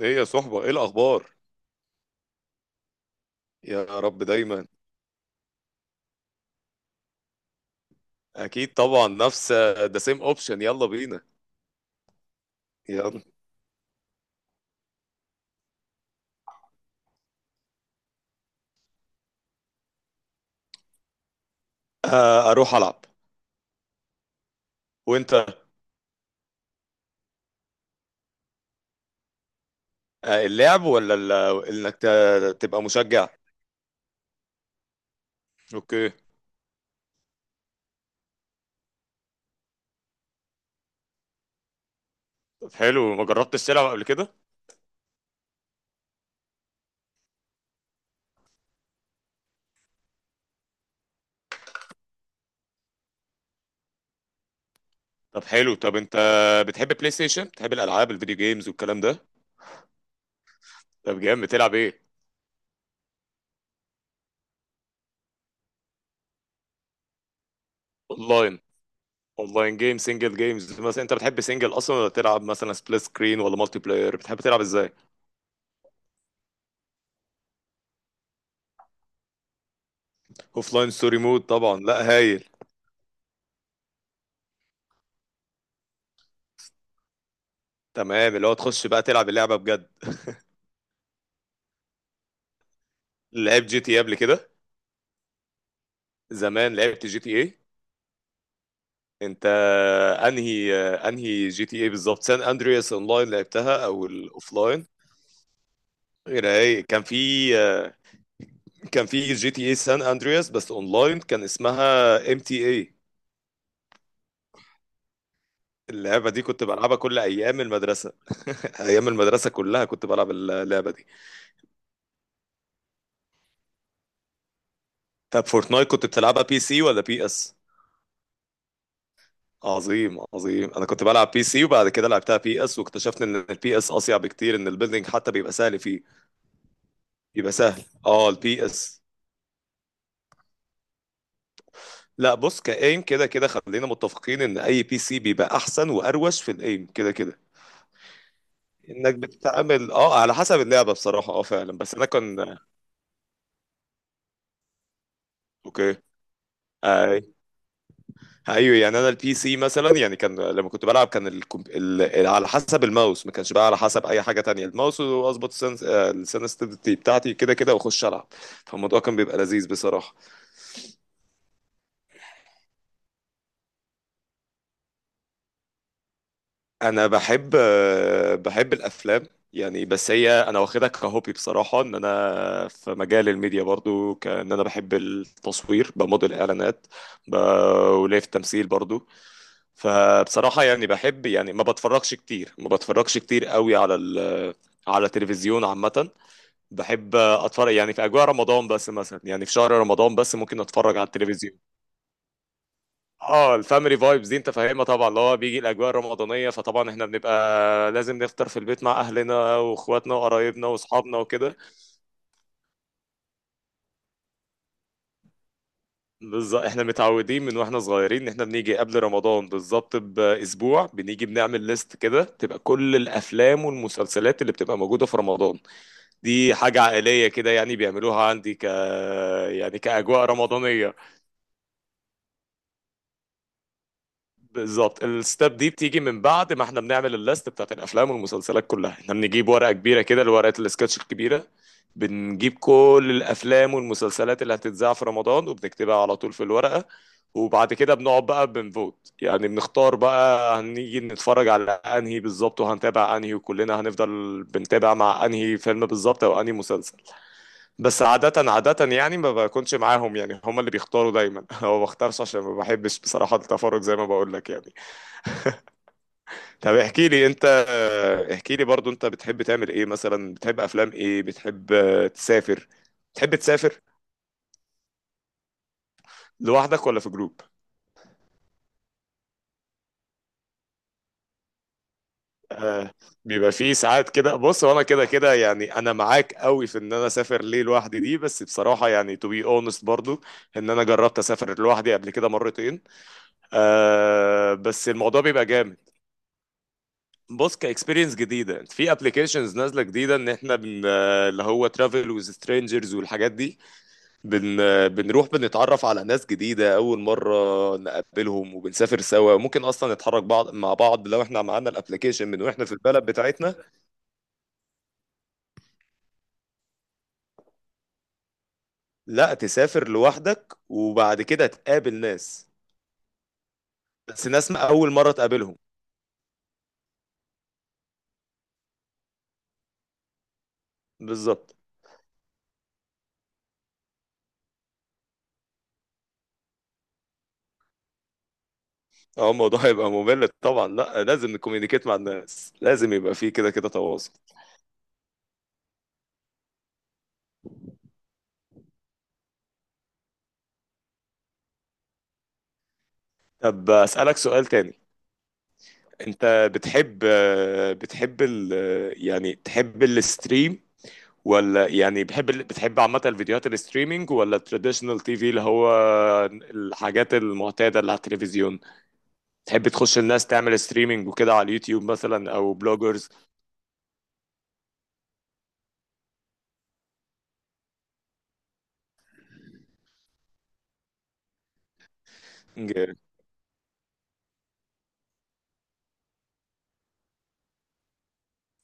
ايه يا صحبة، ايه الاخبار؟ يا رب دايما. اكيد طبعا، نفس ذا سيم اوبشن، يلا بينا. يلا. آه، اروح العب. وانت؟ آه، اللعب ولا انك تبقى مشجع. اوكي. طب حلو، ما جربتش تلعب قبل كده؟ طب حلو، طب انت بتحب بلاي ستيشن، بتحب الالعاب الفيديو جيمز والكلام ده؟ طب جامد، بتلعب ايه؟ اونلاين. اونلاين جيم، سنجل جيمز، مثلا انت بتحب سنجل اصلا ولا تلعب مثلا سبليت سكرين ولا مالتي بلاير؟ بتحب تلعب ازاي؟ اوفلاين ستوري مود طبعا، لا هايل. تمام، اللي هو تخش بقى تلعب اللعبه بجد. لعب جي تي اي قبل كده؟ زمان لعبت جي تي اي. انت، انهي انهي جي تي اي بالظبط؟ سان اندرياس؟ اونلاين لعبتها او الاوفلاين؟ غير ايه كان في؟ كان في جي تي اي سان اندرياس، بس اونلاين كان اسمها ام تي اي. اللعبه دي كنت بلعبها كل ايام المدرسه. ايام المدرسه كلها كنت بلعب اللعبه دي. طب فورتنايت كنت بتلعبها بي سي ولا بي اس؟ عظيم عظيم. انا كنت بلعب بي سي وبعد كده لعبتها بي اس، واكتشفت ان البي اس اصيع بكتير، ان البيلدينج حتى بيبقى سهل فيه. بيبقى سهل اه البي اس. لا بص، كايم كده كده خلينا متفقين ان اي بي سي بيبقى احسن واروش في الايم كده كده. انك بتتعامل على حسب اللعبه بصراحه، فعلا، بس انا كان. اوكي. آه، ايوه يعني انا البي سي مثلا، يعني كان لما كنت بلعب كان على حسب الماوس، ما كانش بقى على حسب اي حاجه تانية، الماوس، واظبط السنسitivity بتاعتي كده كده واخش العب. فالموضوع كان بيبقى لذيذ بصراحه. انا بحب، الافلام. يعني بس هي انا واخدها كهوبي بصراحه، ان انا في مجال الميديا برضو، كان انا بحب التصوير بموديل اعلانات. ب... وليا في التمثيل برضو. فبصراحة يعني بحب، يعني ما بتفرجش كتير قوي على التلفزيون عامة. بحب اتفرج يعني في اجواء رمضان بس، مثلا يعني في شهر رمضان بس ممكن اتفرج على التلفزيون. اه الفاميلي فايبز دي انت فاهمها طبعا، اللي هو بيجي الاجواء الرمضانية، فطبعا احنا بنبقى لازم نفطر في البيت مع اهلنا واخواتنا وقرايبنا واصحابنا وكده. بالظبط احنا متعودين من واحنا صغيرين ان احنا بنيجي قبل رمضان بالظبط باسبوع، بنيجي بنعمل ليست كده تبقى كل الافلام والمسلسلات اللي بتبقى موجودة في رمضان. دي حاجة عائلية كده، يعني بيعملوها عندي يعني كأجواء رمضانية. بالظبط، الستاب دي بتيجي من بعد ما احنا بنعمل الليست بتاعت الأفلام والمسلسلات كلها. احنا بنجيب ورقة كبيرة كده، الورقة السكتش الكبيرة، بنجيب كل الأفلام والمسلسلات اللي هتتذاع في رمضان وبنكتبها على طول في الورقة. وبعد كده بنقعد بقى بنفوت، يعني بنختار بقى هنيجي نتفرج على انهي بالظبط وهنتابع انهي، وكلنا هنفضل بنتابع مع انهي فيلم بالظبط او انهي مسلسل. بس عادة يعني ما بكونش معاهم، يعني هما اللي بيختاروا دايما. هو ما بختارش عشان ما بحبش بصراحة التفرج، زي ما بقول لك يعني. طب احكي لي انت، احكي لي برضو، انت بتحب تعمل ايه، مثلا بتحب افلام ايه، بتحب تسافر؟ بتحب تسافر لوحدك ولا في جروب؟ آه، بيبقى فيه ساعات كده، بص وانا كده كده يعني انا معاك قوي في ان انا اسافر ليه لوحدي دي، بس بصراحة يعني to be honest برضو ان انا جربت اسافر لوحدي قبل كده مرتين. آه، بس الموضوع بيبقى جامد. بص، كاكسبيرينس جديده في ابلكيشنز نازله جديده، ان احنا اللي هو ترافل وذ سترينجرز والحاجات دي، بن بنروح بنتعرف على ناس جديده اول مره نقابلهم وبنسافر سوا، ممكن اصلا نتحرك بعض مع بعض لو احنا معانا الابلكيشن من واحنا في البلد بتاعتنا. لا، تسافر لوحدك وبعد كده تقابل ناس. بس ناس ما اول مره تقابلهم. بالظبط. اه الموضوع هيبقى ممل طبعا، لا لازم نكوميونيكيت مع الناس، لازم يبقى فيه كده كده تواصل. طب اسالك سؤال تاني. انت بتحب بتحب ال يعني تحب الستريم، ولا يعني بتحب عامة الفيديوهات؟ الستريمينج ولا التراديشنال تي في، اللي هو الحاجات المعتادة اللي على التلفزيون؟ تحب تخش الناس تعمل ستريمينج وكده على اليوتيوب مثلا او بلوجرز؟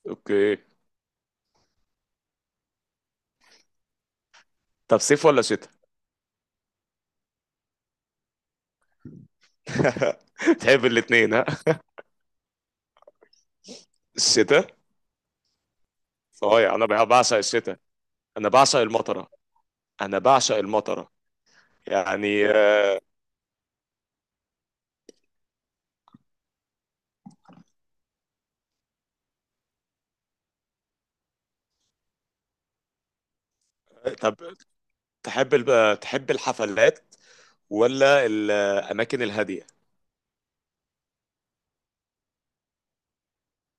اوكي. طب صيف ولا شتاء؟ تحب الاتنين ها. الشتاء. صحيح، انا بعشق الشتاء. انا بعشق المطرة، انا بعشق المطرة، يعني طب تحب تحب الحفلات ولا الأماكن الهادية؟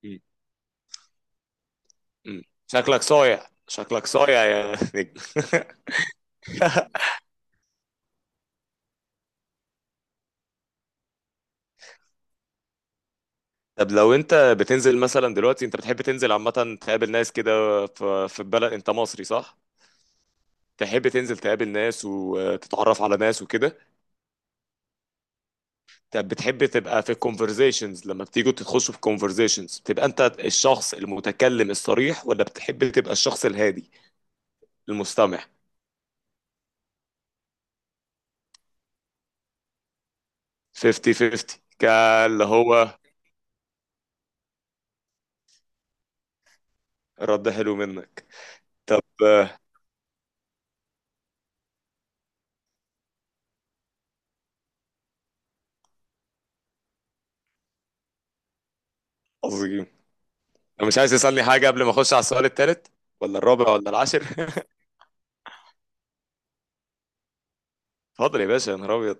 مم. مم. شكلك صايع، شكلك صايع يا نجم. طب لو أنت بتنزل مثلا دلوقتي أنت بتحب تنزل عامة تقابل ناس كده في البلد؟ أنت مصري صح؟ تحب تنزل تقابل ناس وتتعرف على ناس وكده؟ طب بتحب تبقى في الكونفرزيشنز، لما بتيجوا تخشوا في كونفرزيشنز بتبقى أنت الشخص المتكلم الصريح ولا بتحب تبقى الشخص الهادي المستمع؟ 50 50 كاللي هو. رد حلو منك. طب عظيم، لو مش عايز تسألني حاجة قبل ما أخش على السؤال التالت ولا الرابع ولا العاشر. اتفضل يا باشا يا نهار أبيض.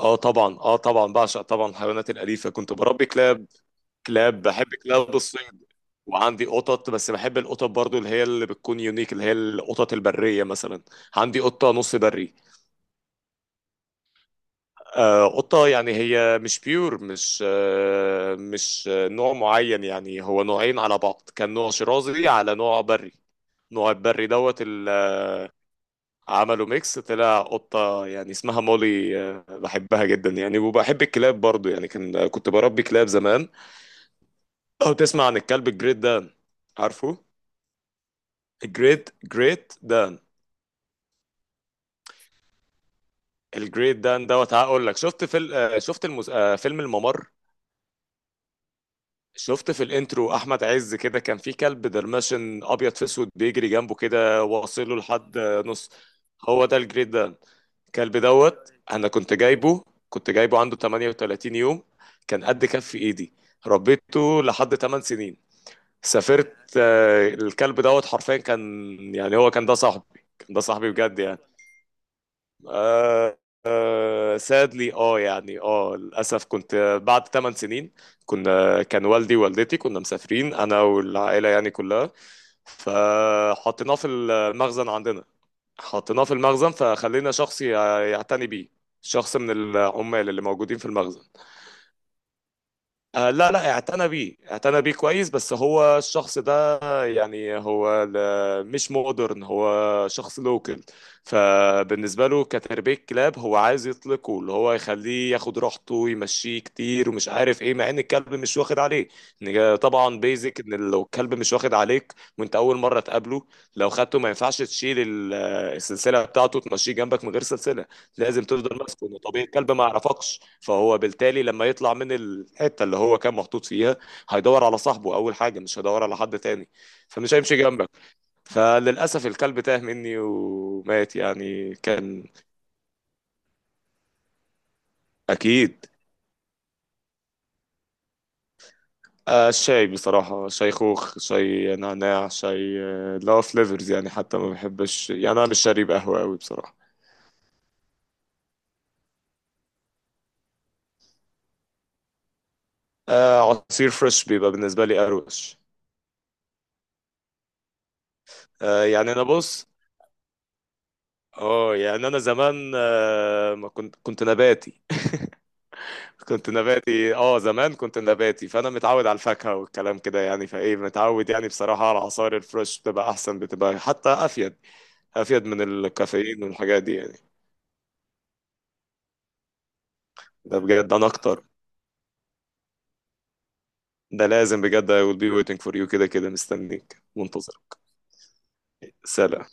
أه طبعا، أه طبعا بعشق طبعا الحيوانات الأليفة، كنت بربي كلاب. كلاب، بحب كلاب الصيد وعندي قطط، بس بحب القطط برضو اللي هي اللي بتكون يونيك، اللي هي القطط البرية مثلا. عندي قطة نص بري. آه قطة يعني هي مش بيور، مش نوع معين، يعني هو نوعين على بعض، كان نوع شرازي على نوع بري. نوع البري دوت، عملوا ميكس طلع قطة، يعني اسمها مولي، بحبها جدا يعني. وبحب الكلاب برضو يعني، كان كنت بربي كلاب زمان. او تسمع عن الكلب الجريت دان؟ عارفه؟ الجريت دان. الجريت دان دوت، هقول لك. شفت في ال- آه، شفت المس... آه، فيلم الممر. شفت في الانترو احمد عز كده، كان في كلب درماشن ابيض في اسود بيجري جنبه كده، واصله لحد نص. هو ده الجريت دان. كلب دوت انا كنت جايبه، عنده 38 يوم، كان قد كف ايدي، ربيته لحد 8 سنين. سافرت، الكلب دوت حرفيا كان، يعني هو كان ده صاحبي بجد يعني. آه سادلي، يعني للاسف كنت بعد 8 سنين، كان والدي ووالدتي، كنا مسافرين انا والعائله يعني كلها، فحطيناه في المخزن عندنا، حطيناه في المخزن فخلينا شخص يعتني بيه، شخص من العمال اللي موجودين في المخزن. آه لا لا، اعتنى بيه، كويس، بس هو الشخص ده يعني هو مش مودرن، هو شخص لوكل. فبالنسبة له كتربية كلاب هو عايز يطلقه، اللي هو يخليه ياخد راحته ويمشيه كتير ومش عارف ايه، مع ان الكلب مش واخد عليه. طبعا بيزك ان لو الكلب مش واخد عليك وانت اول مرة تقابله، لو خدته ما ينفعش تشيل السلسلة بتاعته تمشيه جنبك من غير سلسلة. لازم تفضل ماسكه، انه طبيعي الكلب ما يعرفكش، فهو بالتالي لما يطلع من الحته اللي هو كان محطوط فيها هيدور على صاحبه اول حاجه، مش هيدور على حد تاني. فمش هيمشي جنبك. فللاسف الكلب تاه مني ومات، يعني كان. اكيد. آه الشاي بصراحة، شاي خوخ، شاي نعناع، شاي اللي هو فليفرز يعني، حتى ما بحبش يعني، أنا مش شارب قهوة أوي بصراحة. آه عصير فريش بيبقى بالنسبة لي أروش. آه يعني أنا بص، اه يعني انا زمان آه، ما كنت كنت نباتي. كنت نباتي، زمان كنت نباتي، فانا متعود على الفاكهه والكلام كده يعني، فايه متعود يعني بصراحه على عصائر الفريش، بتبقى احسن، بتبقى حتى افيد، من الكافيين والحاجات دي يعني. ده بجد انا اكتر، ده لازم بجد I will be waiting for you، كده كده مستنيك منتظر. سلام.